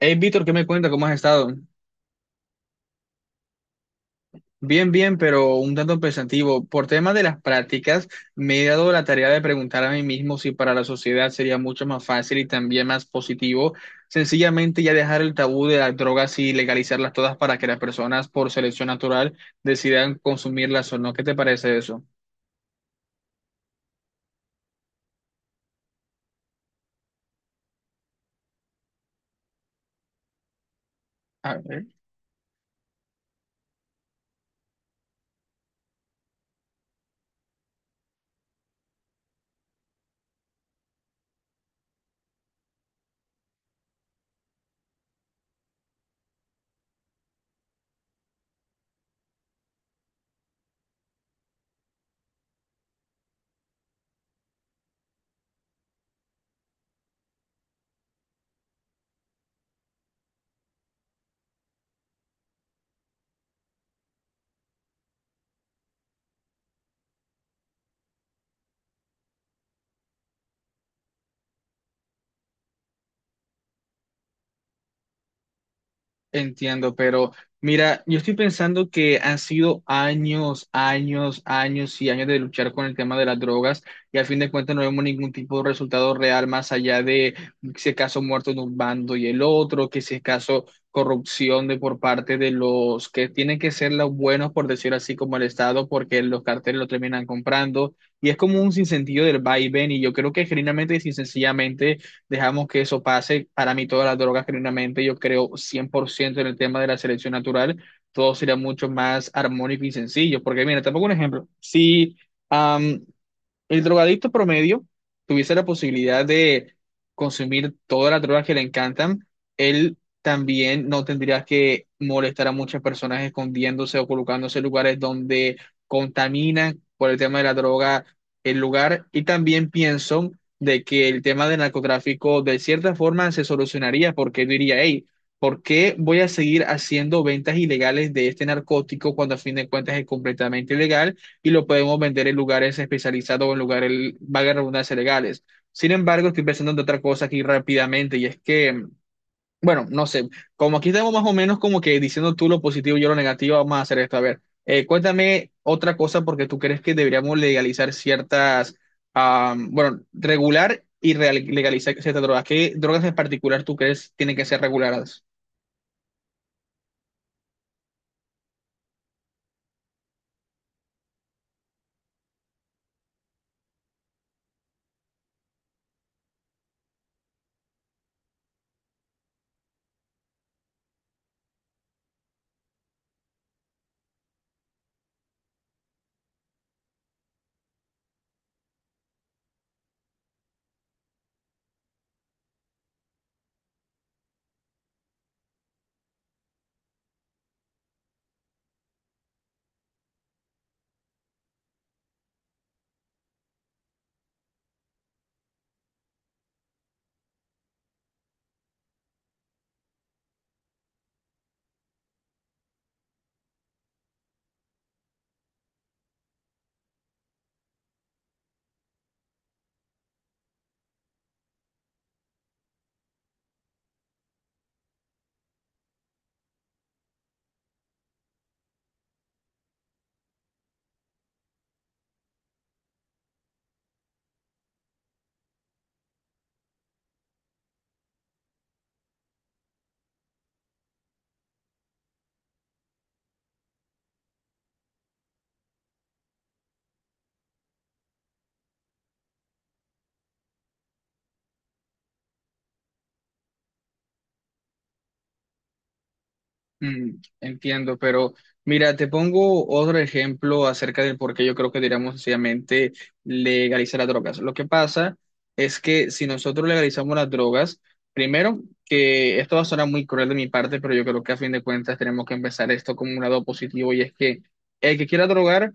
Hey, Víctor, ¿qué me cuenta? ¿Cómo has estado? Bien, bien, pero un tanto pensativo. Por tema de las prácticas, me he dado la tarea de preguntar a mí mismo si para la sociedad sería mucho más fácil y también más positivo sencillamente ya dejar el tabú de las drogas y legalizarlas todas para que las personas por selección natural decidan consumirlas o no. ¿Qué te parece eso? Entiendo, pero mira, yo estoy pensando que han sido años, años, años y años de luchar con el tema de las drogas y al fin de cuentas no vemos ningún tipo de resultado real más allá de si acaso muertos de un bando y el otro, que si acaso corrupción de por parte de los que tienen que ser los buenos, por decir así, como el Estado, porque los carteles lo terminan comprando y es como un sinsentido del vaivén y yo creo que genuinamente y sin sencillamente dejamos que eso pase. Para mí, todas las drogas, genuinamente, yo creo 100% en el tema de la selección natural, todo sería mucho más armónico y sencillo. Porque, mira, te pongo un ejemplo. Si, am, el drogadicto promedio tuviese la posibilidad de consumir todas las drogas que le encantan, él también no tendría que molestar a muchas personas escondiéndose o colocándose en lugares donde contaminan por el tema de la droga el lugar. Y también pienso de que el tema del narcotráfico de cierta forma se solucionaría porque él diría, hey, ¿por qué voy a seguir haciendo ventas ilegales de este narcótico cuando a fin de cuentas es completamente ilegal? Y lo podemos vender en lugares especializados o en lugares, valga la redundancia, legales. Sin embargo, estoy pensando en otra cosa aquí rápidamente y es que, bueno, no sé, como aquí estamos más o menos como que diciendo tú lo positivo y yo lo negativo, vamos a hacer esto. A ver, cuéntame otra cosa porque tú crees que deberíamos legalizar ciertas, ah, bueno, regular y legalizar ciertas drogas. ¿Qué drogas en particular tú crees tienen que ser reguladas? Entiendo, pero mira, te pongo otro ejemplo acerca del por qué yo creo que diríamos sencillamente legalizar las drogas. Lo que pasa es que si nosotros legalizamos las drogas, primero, que esto va a sonar muy cruel de mi parte, pero yo creo que a fin de cuentas tenemos que empezar esto como un lado positivo y es que el que quiera drogar,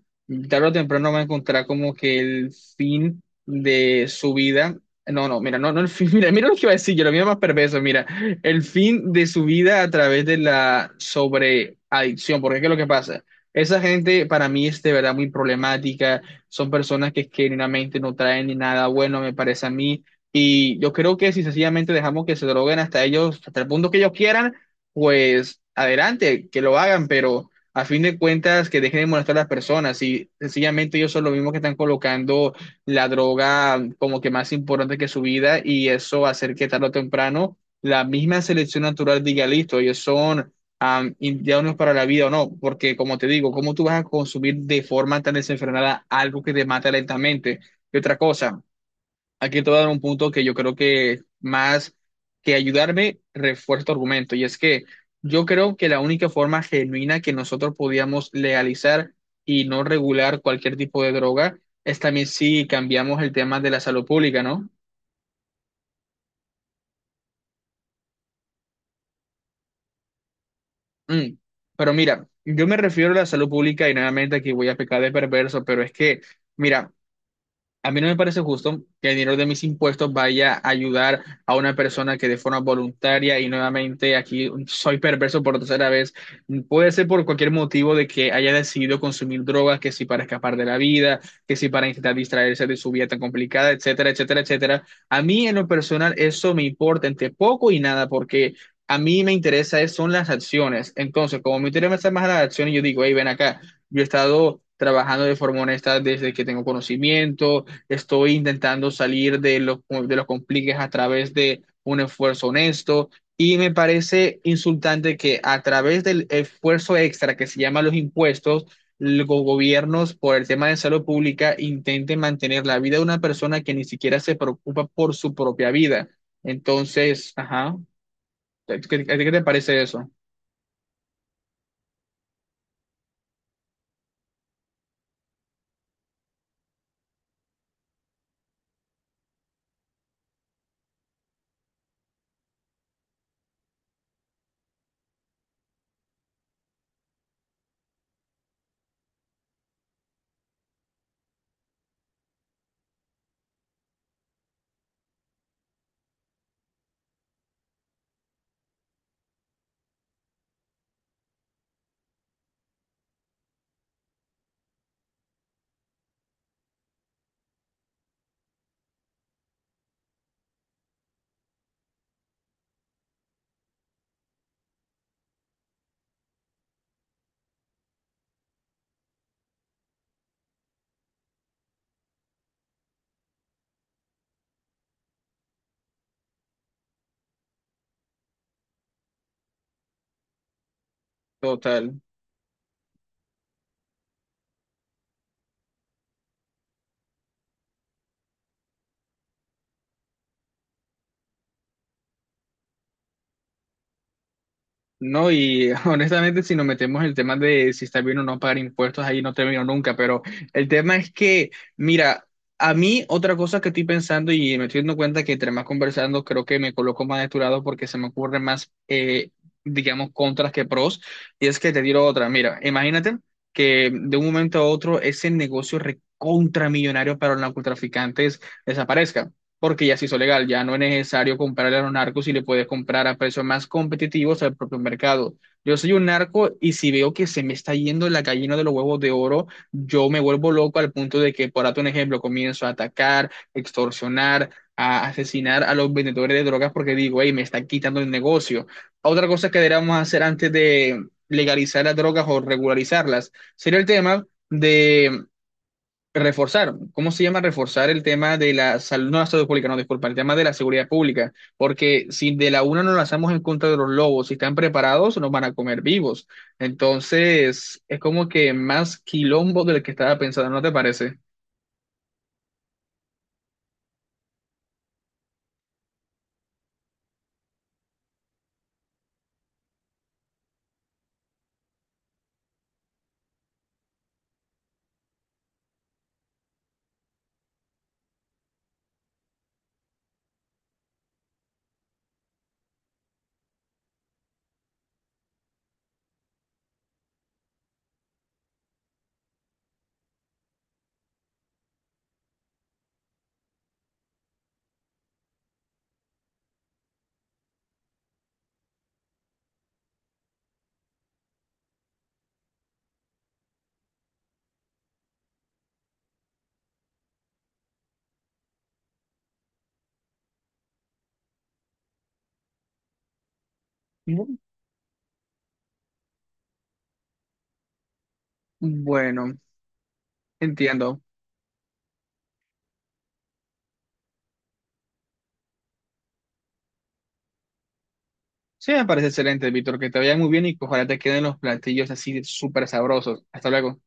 tarde o temprano va a encontrar como que el fin de su vida. No, no, mira, no, no el fin, mira, mira lo que iba a decir, yo lo mío es más perverso, mira el fin de su vida a través de la sobreadicción, porque ¿qué es lo que pasa? Esa gente para mí es de verdad muy problemática, son personas que genuinamente no traen ni nada bueno, me parece a mí, y yo creo que si sencillamente dejamos que se droguen hasta ellos, hasta el punto que ellos quieran, pues adelante, que lo hagan, pero a fin de cuentas que dejen de molestar a las personas y sencillamente ellos son los mismos que están colocando la droga como que más importante que su vida y eso hacer que tarde o temprano la misma selección natural diga, listo, ellos son indianos para la vida o no, porque como te digo, ¿cómo tú vas a consumir de forma tan desenfrenada algo que te mata lentamente? Y otra cosa, aquí te voy a dar un punto que yo creo que más que ayudarme, refuerza tu argumento, y es que yo creo que la única forma genuina que nosotros podíamos legalizar y no regular cualquier tipo de droga es también si cambiamos el tema de la salud pública, ¿no? Mm, pero mira, yo me refiero a la salud pública y nuevamente aquí voy a pecar de perverso, pero es que, mira, a mí no me parece justo que el dinero de mis impuestos vaya a ayudar a una persona que de forma voluntaria y nuevamente aquí soy perverso por tercera vez, puede ser por cualquier motivo de que haya decidido consumir drogas, que si para escapar de la vida, que si para intentar distraerse de su vida tan complicada, etcétera, etcétera, etcétera. A mí en lo personal eso me importa entre poco y nada porque a mí me interesa son las acciones. Entonces, como me interesa más las acciones, yo digo, hey, ven acá, yo he estado trabajando de forma honesta desde que tengo conocimiento, estoy intentando salir de los compliques a través de un esfuerzo honesto y me parece insultante que a través del esfuerzo extra que se llama los impuestos, los gobiernos por el tema de salud pública intenten mantener la vida de una persona que ni siquiera se preocupa por su propia vida. Entonces, ajá, ¿qué a ti qué te parece eso? Total. No, y honestamente, si nos metemos en el tema de si está bien o no pagar impuestos, ahí no termino nunca, pero el tema es que, mira, a mí otra cosa que estoy pensando y me estoy dando cuenta que entre más conversando, creo que me coloco más de tu lado porque se me ocurren más, digamos, contras que pros, y es que te tiro otra, mira, imagínate que de un momento a otro ese negocio recontramillonario para los narcotraficantes desaparezca porque ya se hizo legal, ya no es necesario comprarle a los narcos y le puedes comprar a precios más competitivos al propio mercado. Yo soy un narco y si veo que se me está yendo la gallina de los huevos de oro, yo me vuelvo loco al punto de que, por darte un ejemplo, comienzo a atacar, extorsionar, a asesinar a los vendedores de drogas porque digo, hey, me está quitando el negocio. Otra cosa que deberíamos hacer antes de legalizar las drogas o regularizarlas sería el tema de reforzar, ¿cómo se llama reforzar el tema de la salud, no la salud pública, no, disculpa, el tema de la seguridad pública? Porque si de la una nos lanzamos en contra de los lobos, si están preparados, nos van a comer vivos. Entonces, es como que más quilombo del que estaba pensando, ¿no te parece? Bu- Bueno, entiendo. Sí, me parece excelente, Víctor, que te vaya muy bien y que ojalá te queden los platillos así súper sabrosos. Hasta luego.